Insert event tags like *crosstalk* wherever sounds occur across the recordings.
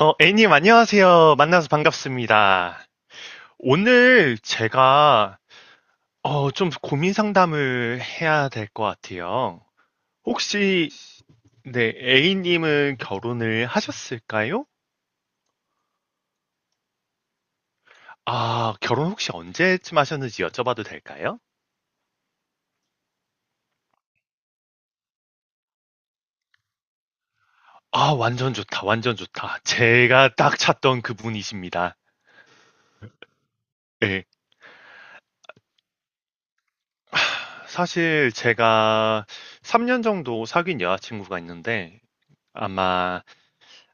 애님, 안녕하세요. 만나서 반갑습니다. 오늘 제가, 좀 고민 상담을 해야 될 것 같아요. 혹시, 네, A님은 결혼을 하셨을까요? 아, 결혼 혹시 언제쯤 하셨는지 여쭤봐도 될까요? 아, 완전 좋다, 완전 좋다. 제가 딱 찾던 그분이십니다. 네, 사실 제가 3년 정도 사귄 여자친구가 있는데, 아마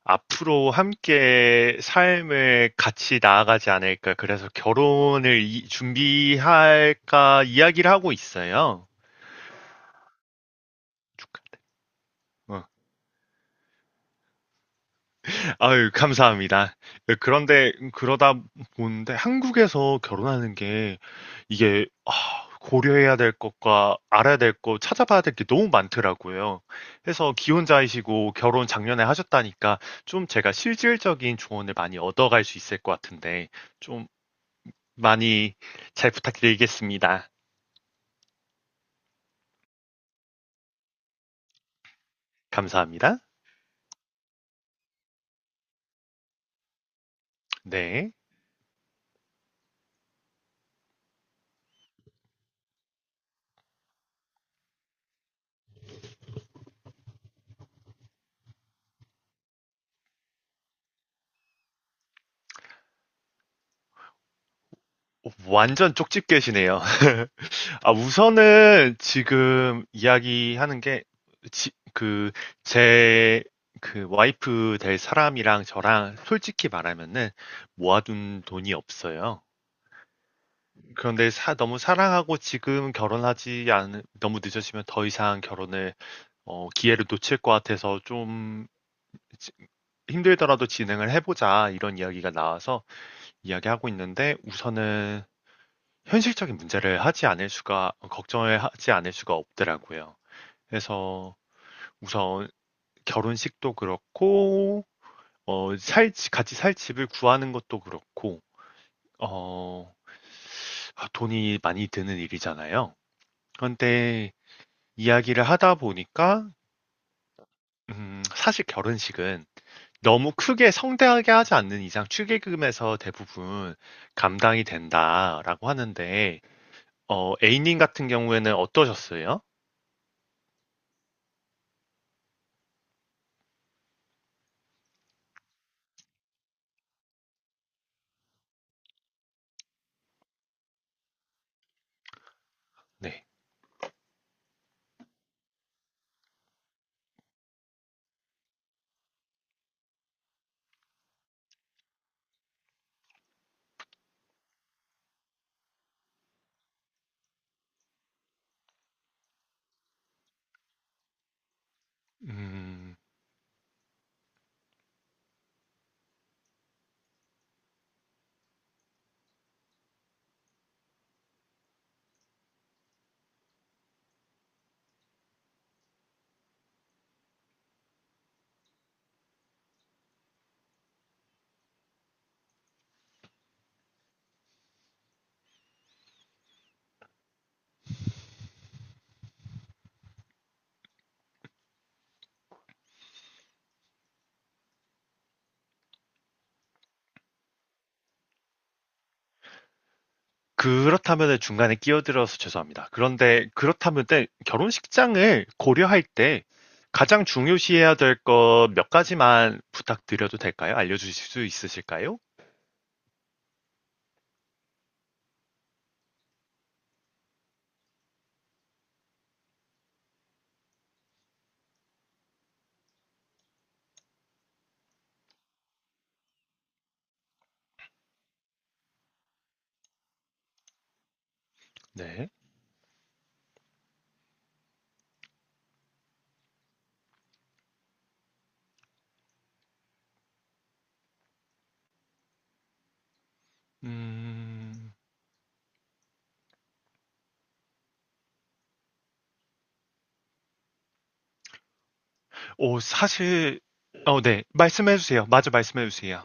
앞으로 함께 삶을 같이 나아가지 않을까. 그래서 결혼을 준비할까 이야기를 하고 있어요. 어. 아유, 감사합니다. 네, 그런데 그러다 보는데 한국에서 결혼하는 게 이게 고려해야 될 것과 알아야 될 것, 찾아봐야 될 게 너무 많더라고요. 그래서 기혼자이시고 결혼 작년에 하셨다니까 좀 제가 실질적인 조언을 많이 얻어갈 수 있을 것 같은데 좀 많이 잘 부탁드리겠습니다. 감사합니다. 네. 완전 쪽집 게시네요. *laughs* 아, 우선은 지금 이야기하는 게, 지- 그, 제, 그 와이프 될 사람이랑 저랑 솔직히 말하면은 모아둔 돈이 없어요. 그런데 너무 사랑하고 지금 결혼하지 너무 늦어지면 더 이상 기회를 놓칠 것 같아서 좀 힘들더라도 진행을 해보자 이런 이야기가 나와서 이야기하고 있는데 우선은 현실적인 문제를 하지 않을 수가 걱정을 하지 않을 수가 없더라고요. 그래서 우선 결혼식도 그렇고 같이 살 집을 구하는 것도 그렇고 어, 돈이 많이 드는 일이잖아요. 그런데 이야기를 하다 보니까 사실 결혼식은 너무 크게 성대하게 하지 않는 이상 축의금에서 대부분 감당이 된다라고 하는데 A님 같은 경우에는 어떠셨어요? 네. 음, 그렇다면 중간에 끼어들어서 죄송합니다. 그런데 그렇다면 때 결혼식장을 고려할 때 가장 중요시해야 될 것 몇 가지만 부탁드려도 될까요? 알려주실 수 있으실까요? 네. 음, 오, 사실, 네. 말씀해주세요. 맞아, 말씀해주세요.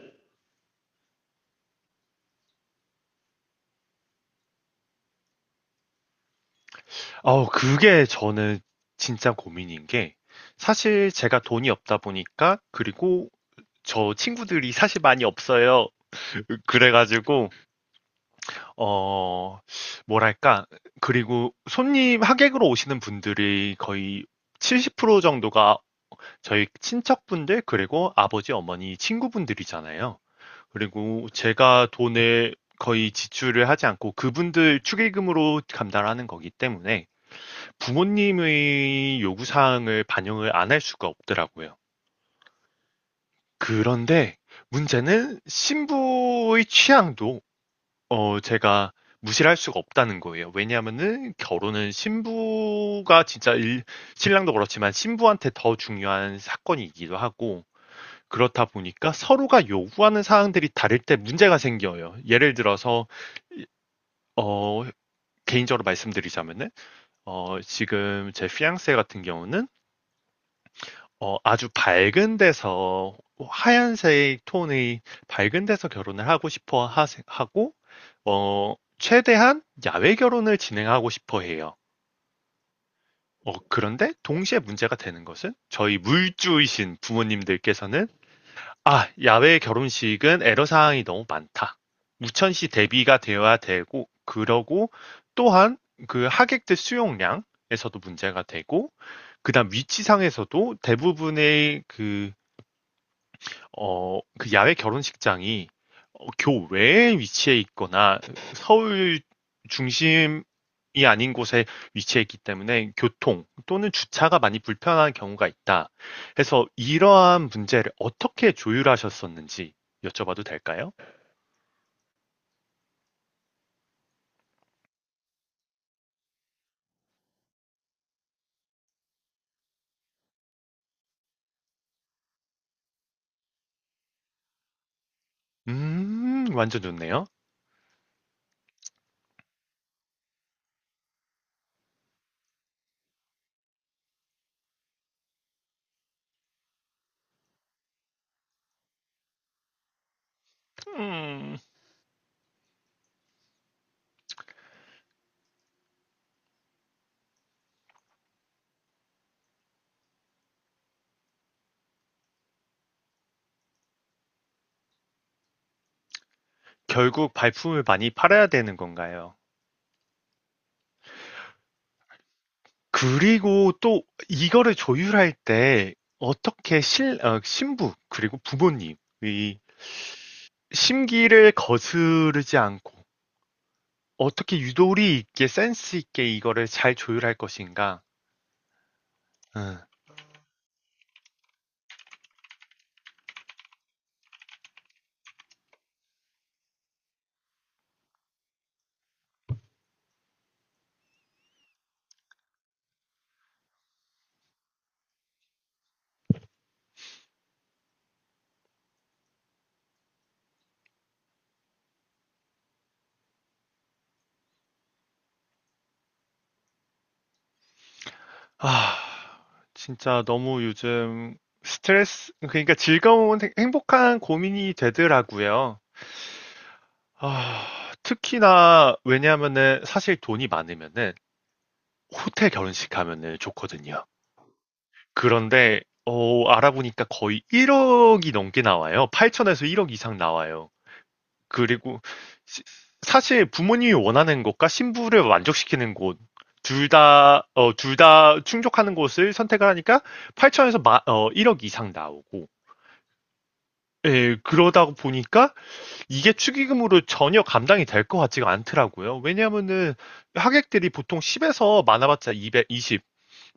그게 저는 진짜 고민인 게 사실 제가 돈이 없다 보니까 그리고 저 친구들이 사실 많이 없어요. 그래가지고, 어, 뭐랄까. 그리고 손님, 하객으로 오시는 분들이 거의 70% 정도가 저희 친척분들, 그리고 아버지, 어머니, 친구분들이잖아요. 그리고 제가 돈을 거의 지출을 하지 않고 그분들 축의금으로 감당하는 거기 때문에 부모님의 요구사항을 반영을 안 할 수가 없더라고요. 그런데 문제는 신부의 취향도 제가 무시를 할 수가 없다는 거예요. 왜냐하면은 결혼은 신부가 진짜 일 신랑도 그렇지만 신부한테 더 중요한 사건이기도 하고 그렇다 보니까 서로가 요구하는 사항들이 다를 때 문제가 생겨요. 예를 들어서 어 개인적으로 말씀드리자면은 지금 제 fiance 같은 경우는 아주 밝은 데서 하얀색 톤의 밝은 데서 결혼을 하고 싶어 하 고 최대한 야외 결혼을 진행하고 싶어 해요. 그런데 동시에 문제가 되는 것은 저희 물주이신 부모님들께서는 야외 결혼식은 애로사항이 너무 많다. 우천시 대비가 되어야 되고 그러고 또한 그 하객들 수용량에서도 문제가 되고 그다음 위치상에서도 대부분의 그 야외 결혼식장이 교외에 위치해 있거나 서울 중심이 아닌 곳에 위치해 있기 때문에 교통 또는 주차가 많이 불편한 경우가 있다. 해서 이러한 문제를 어떻게 조율하셨었는지 여쭤봐도 될까요? 완전 좋네요. 음, 결국 발품을 많이 팔아야 되는 건가요? 그리고 또 이거를 조율할 때 어떻게 신부, 그리고 부모님이 심기를 거스르지 않고 어떻게 유도리 있게 센스 있게 이거를 잘 조율할 것인가. 응. 아, 진짜 너무 요즘 스트레스, 그러니까 즐거운 행복한 고민이 되더라고요. 아, 특히나 왜냐하면은 사실 돈이 많으면은 호텔 결혼식 하면은 좋거든요. 그런데 알아보니까 거의 1억이 넘게 나와요. 8천에서 1억 이상 나와요. 그리고 시- 사실 부모님이 원하는 것과 신부를 만족시키는 곳, 둘 다 충족하는 곳을 선택하니까 8천에서 1억 이상 나오고, 예, 그러다 보니까 이게 축의금으로 전혀 감당이 될 것 같지가 않더라고요. 왜냐하면은 하객들이 보통 10에서 많아봤자 220,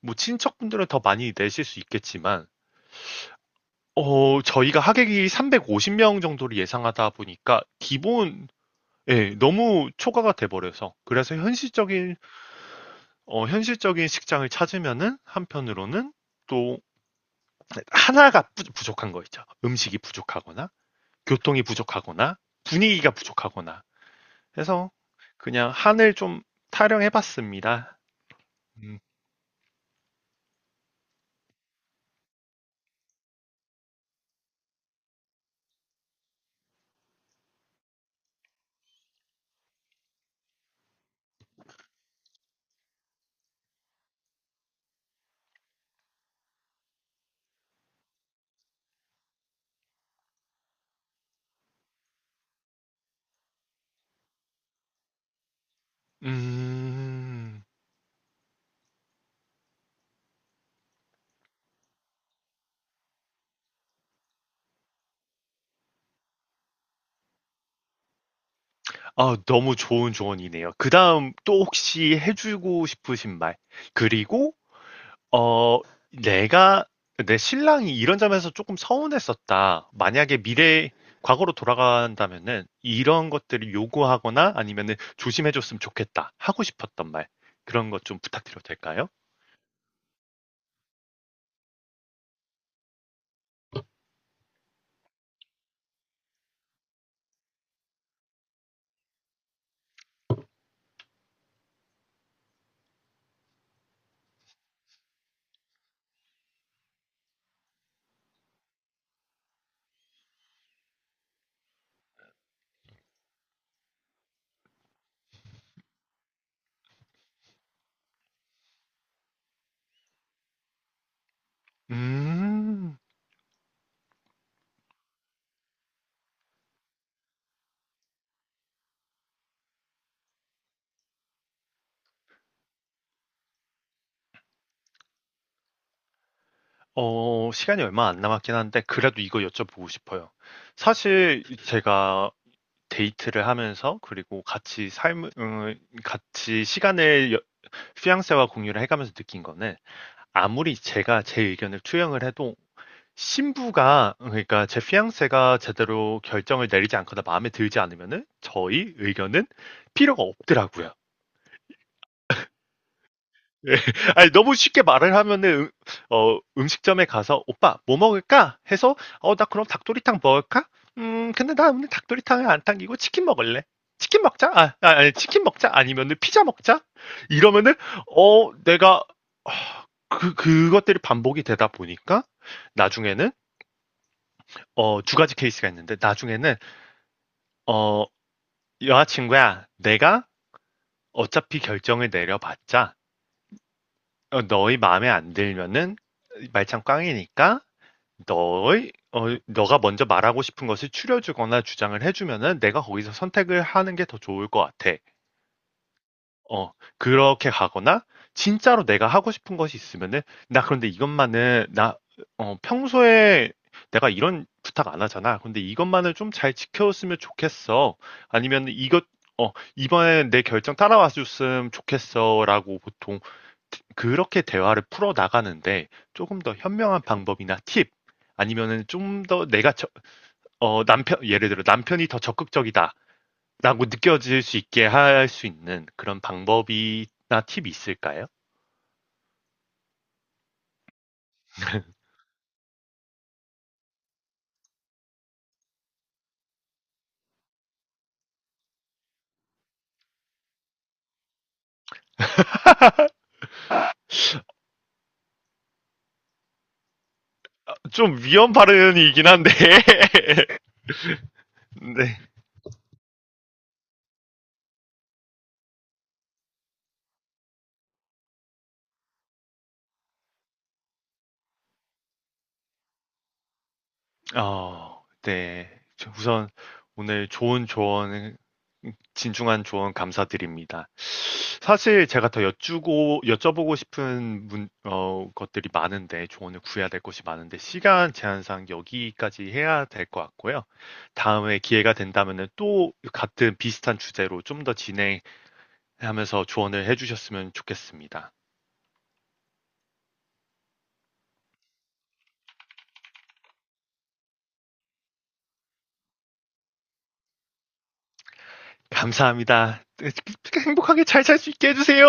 뭐 친척분들은 더 많이 내실 수 있겠지만, 저희가 하객이 350명 정도를 예상하다 보니까 기본 예, 너무 초과가 돼 버려서. 그래서 현실적인 현실적인 식장을 찾으면은 한편으로는 또 하나가 부 부족한 거 있죠. 음식이 부족하거나 교통이 부족하거나 분위기가 부족하거나 해서 그냥 한을 좀 타령해 봤습니다. 음. 음. 아 너무 좋은 조언이네요. 그다음 또 혹시 해 주고 싶으신 말 그리고 어, 내가, 내 신랑이 이런 점에서 조금 서운했었다. 만약에 과거로 돌아간다면은 이런 것들을 요구하거나 아니면은 조심해줬으면 좋겠다. 하고 싶었던 말. 그런 것 좀 부탁드려도 될까요? 음, 시간이 얼마 안 남았긴 한데 그래도 이거 여쭤보고 싶어요. 사실 제가 데이트를 하면서 그리고 같이 시간을 양세와 공유를 해가면서 느낀 거는 아무리 제가 제 의견을 투영을 해도 신부가 그러니까 제 fiance가 제대로 결정을 내리지 않거나 마음에 들지 않으면은 저희 의견은 필요가 없더라고요. 예. *laughs* 아니, 너무 쉽게 말을 하면은, 음식점에 가서, 오빠, 뭐 먹을까? 해서, 나 그럼 닭도리탕 먹을까? 근데 나 오늘 닭도리탕은 안 당기고 치킨 먹을래. 치킨 먹자? 아니, 치킨 먹자? 아니면은 피자 먹자? 이러면은, 어, 내가, 아, 그, 그것들이 반복이 되다 보니까, 나중에는, 두 가지 케이스가 있는데, 나중에는, 어, 여자친구야, 내가 어차피 결정을 내려봤자, 너희 마음에 안 들면은, 말짱 꽝이니까, 너가 먼저 말하고 싶은 것을 추려 주거나 주장을 해 주면은 내가 거기서 선택을 하는 게 더 좋을 것 같아. 어, 그렇게 가거나 진짜로 내가 하고 싶은 것이 있으면은 나 그런데 이것만은 평소에 내가 이런 부탁 안 하잖아. 근데 이것만을 좀 잘 지켜줬으면 좋겠어. 아니면 이번에 내 결정 따라와 줬으면 좋겠어라고 보통 그렇게 대화를 풀어 나가는데 조금 더 현명한 방법이나 팁 아니면은 좀 더 내가 남편 예를 들어 남편이 더 적극적이다. 라고 느껴질 수 있게 할 수 있는 그런 방법이나 팁이 있을까요? *laughs* 좀 위험 발언이긴 한데. *laughs* 네. 네. 우선 오늘 좋은 조언, 진중한 조언 감사드립니다. 사실 제가 더 여쭈고 여쭤보고 싶은 것들이 많은데 조언을 구해야 될 것이 많은데 시간 제한상 여기까지 해야 될 것 같고요. 다음에 기회가 된다면은 또 같은 비슷한 주제로 좀 더 진행하면서 조언을 해주셨으면 좋겠습니다. 감사합니다. *laughs* 행복하게 잘 살 수 있게 해주세요.